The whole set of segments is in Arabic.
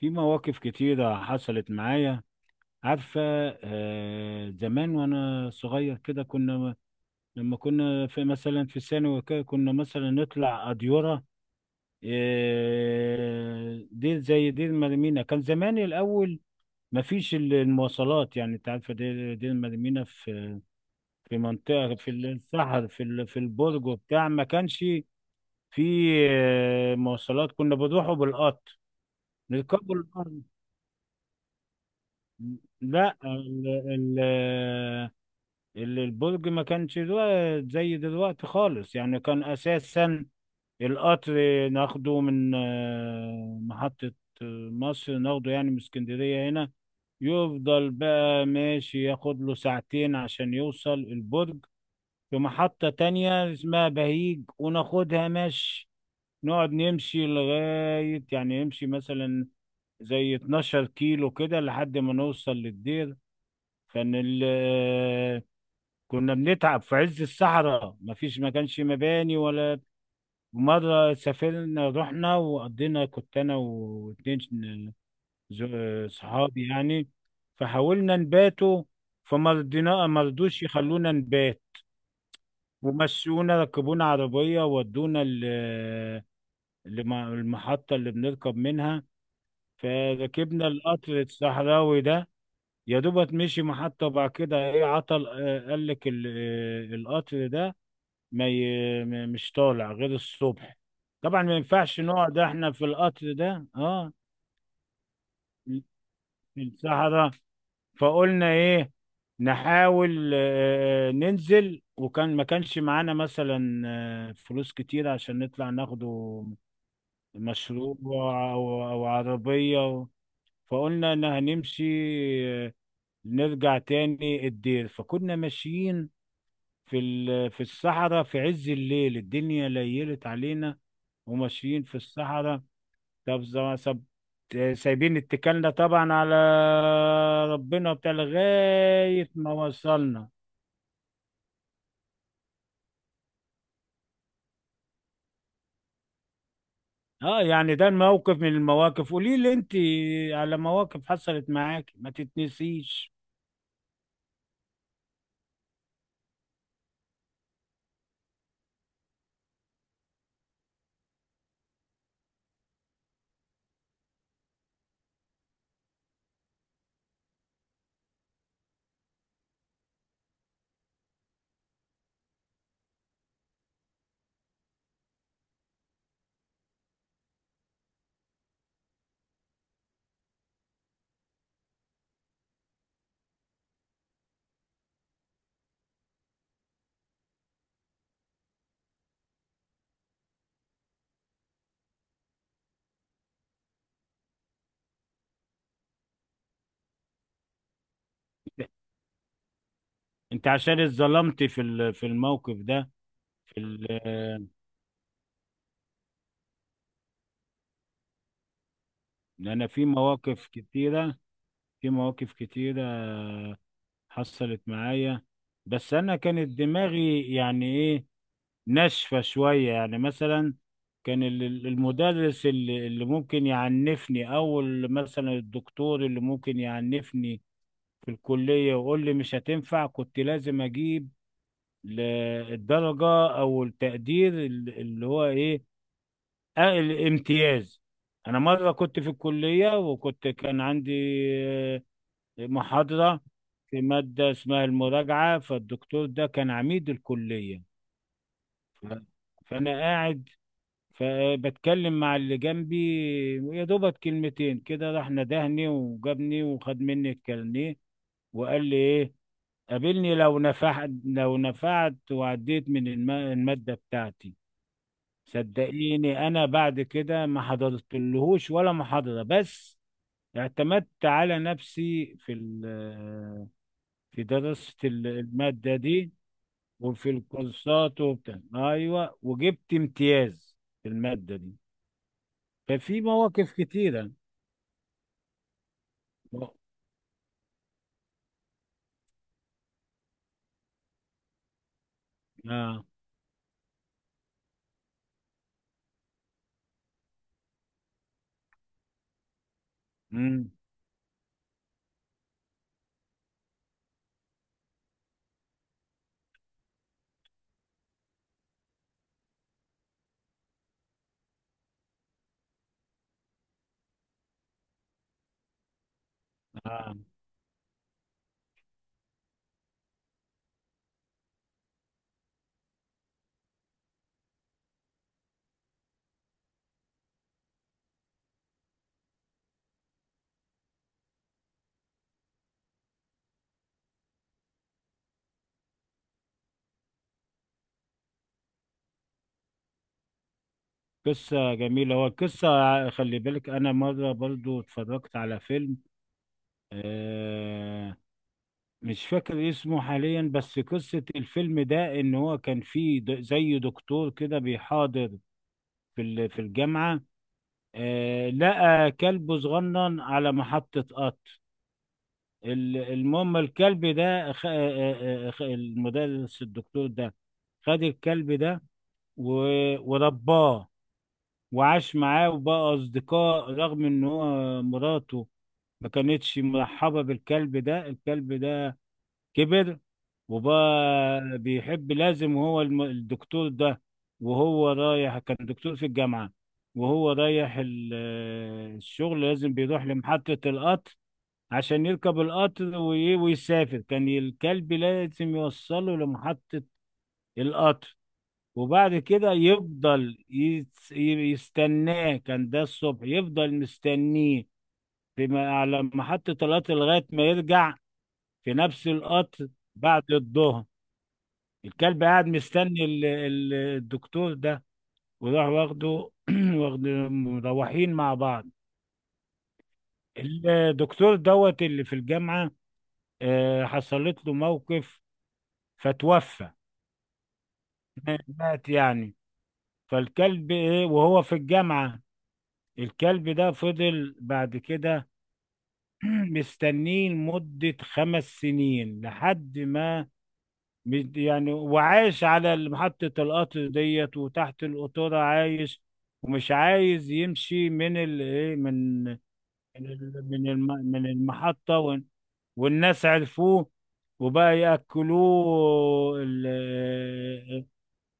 في مواقف كتيرة حصلت معايا. عارفة؟ زمان وأنا صغير كده كنا، لما كنا في مثلا في ثانوي وكده، كنا مثلا نطلع أديورة. دير زي دير مريمينا كان زمان الأول، مفيش المواصلات. يعني أنت عارفة، دير مريمينا في منطقة في الصحر في في البرج وبتاع، ما كانش في مواصلات. كنا بنروحوا بالقطر، نركبوا القطر. لا، البرج ما كانش دلوقتي زي دلوقتي خالص، يعني كان أساسا القطر ناخده من محطة مصر، ناخده يعني من اسكندرية هنا، يفضل بقى ماشي ياخد له ساعتين عشان يوصل البرج. في محطة تانية اسمها بهيج وناخدها مشي، نقعد نمشي لغاية، يعني نمشي مثلا زي 12 كيلو كده لحد ما نوصل للدير. كان ال، كنا بنتعب في عز الصحراء، مفيش، ما كانش مباني ولا. مرة سافرنا، رحنا وقضينا، كنت أنا واتنين صحابي يعني. فحاولنا نباتوا، فمرضينا، مرضوش يخلونا نبات، ومشونا، ركبونا عربية ودونا المحطة اللي بنركب منها، فركبنا القطر الصحراوي ده. يا دوبت مشي محطة وبعد كده، ايه، عطل. قال لك القطر ده ما ي- م- مش طالع غير الصبح. طبعا ما ينفعش نقعد احنا في القطر ده، اه، في الصحراء. فقلنا ايه، نحاول ننزل، وكان ما كانش معانا مثلا فلوس كتير عشان نطلع ناخده مشروب او عربية. فقلنا ان هنمشي، آه، نرجع تاني الدير. فكنا ماشيين في في الصحراء في عز الليل، الدنيا ليلت علينا وماشيين في الصحراء. طب، ز- سب سايبين اتكالنا طبعا على ربنا بتاع لغاية ما وصلنا. اه يعني ده الموقف من المواقف. قولي لي انت على مواقف حصلت معاك ما تتنسيش. انت عشان اتظلمت في في الموقف ده. في ال- انا في مواقف كتيرة، في مواقف كتيرة حصلت معايا، بس انا كانت دماغي يعني ايه، ناشفه شويه. يعني مثلا كان المدرس اللي ممكن يعنفني، او مثلا الدكتور اللي ممكن يعنفني في الكليه ويقول لي مش هتنفع. كنت لازم اجيب ل- الدرجه او التقدير اللي هو ايه، الامتياز. انا مره كنت في الكليه، وكنت كان عندي محاضرة في مادة اسمها المراجعة، فالدكتور ده كان عميد الكلية. ف- فأنا قاعد فبتكلم مع اللي جنبي، يا دوبك كلمتين كده، راح ندهني وجابني وخد مني الكارنيه وقال لي إيه، قابلني لو نفعت، لو نفعت وعديت من المادة بتاعتي. صدقيني أنا بعد كده ما حضرتلهوش ولا محاضرة، بس اعتمدت على نفسي في ال في درست المادة دي، وفي الكورسات وبتاع، ايوه، وجبت امتياز في المادة دي. ففي مواقف كتيرة. اه. امم. اه. قصة جميلة هو القصة. خلي بالك انا مرة برضو اتفرجت على فيلم، آه مش فاكر اسمه حاليا، بس قصة الفيلم ده ان هو كان فيه زي دكتور كده بيحاضر في في الجامعة. لقى كلب صغنن على محطة قطر. المهم الكلب ده، المدرس الدكتور ده خد الكلب ده ورباه، وعاش معاه وبقى أصدقاء رغم إن هو مراته ما كانتش مرحبة بالكلب ده. الكلب ده كبر وبقى بيحب، لازم هو الدكتور ده، وهو رايح، كان دكتور في الجامعة، وهو رايح الشغل لازم بيروح لمحطة القطر عشان يركب القطر ويسافر. كان الكلب لازم يوصله لمحطة القطر، وبعد كده يفضل يستناه. كان ده الصبح يفضل مستنيه في على محطة القطر لغاية ما يرجع في نفس القطر بعد الظهر. الكلب قاعد مستني الدكتور ده، وراح واخده واخد، مروحين مع بعض. الدكتور دوت اللي في الجامعة، حصلت له موقف فتوفى، مات يعني. فالكلب ايه وهو في الجامعة، الكلب ده فضل بعد كده مستنيه لمدة 5 سنين لحد ما يعني، وعاش على محطة القطر ديت وتحت القطورة عايش، ومش عايز يمشي من ال، إيه، من المحطة، وال، والناس عرفوه وبقى يأكلوه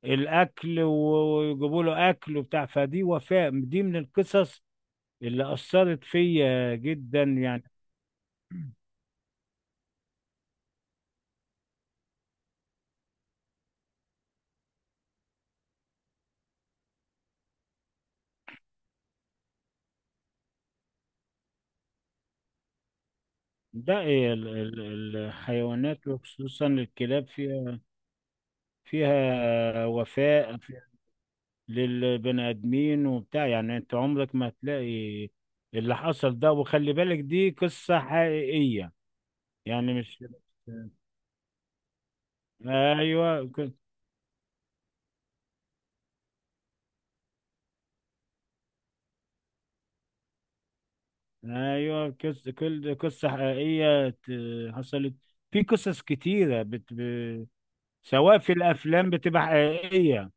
الاكل ويجيبوا له اكل وبتاع. فدي وفاء، دي من القصص اللي اثرت فيا جدا يعني. ده إيه الحيوانات وخصوصا الكلاب فيها وفاء للبني ادمين وبتاع. يعني انت عمرك ما هتلاقي اللي حصل ده، وخلي بالك دي قصة حقيقية، يعني مش، ايوه. ايوه، كل قصه حقيقيه حصلت. في قصص كتيره سواء في الافلام بتبقى حقيقيه.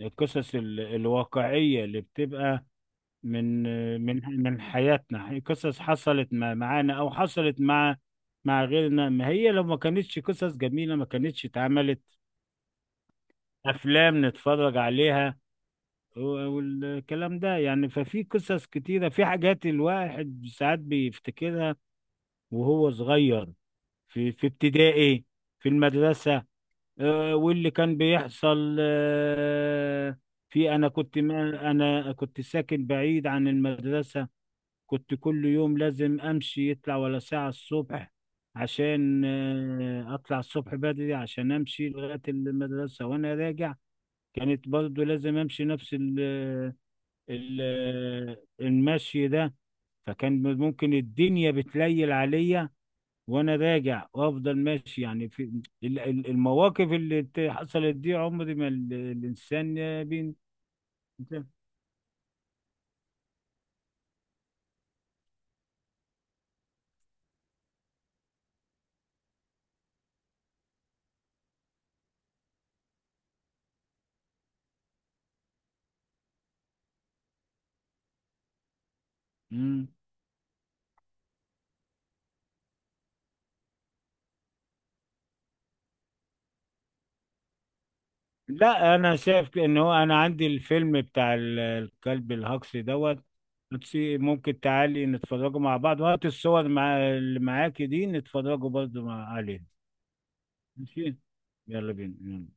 القصص الواقعيه اللي بتبقى من حياتنا، قصص حصلت معانا، او حصلت مع غيرنا. ما هي لو ما كانتش قصص جميله ما كانتش اتعملت افلام نتفرج عليها و- والكلام ده يعني. ففي قصص كتيره، في حاجات الواحد ساعات بيفتكرها وهو صغير في في ابتدائي، في المدرسة، واللي كان بيحصل، في، أنا كنت، ما أنا كنت ساكن بعيد عن المدرسة، كنت كل يوم لازم أمشي يطلع ولا ساعة الصبح عشان أطلع الصبح بدري عشان أمشي لغاية المدرسة. وأنا راجع كانت برضو لازم أمشي نفس ال ال المشي ده، فكان ممكن الدنيا بتليل عليا وانا راجع، وافضل ماشي يعني. في المواقف اللي حصلت دي، عمري ما الانسان بين. مم. لا انا شايف ان هو انا عندي الفيلم بتاع الكلب الهجصي دوت. ممكن تعالي نتفرجوا مع بعض، وهات الصور مع اللي معاكي دي نتفرجوا برضو مع عليه. ماشي يلا بينا. يلا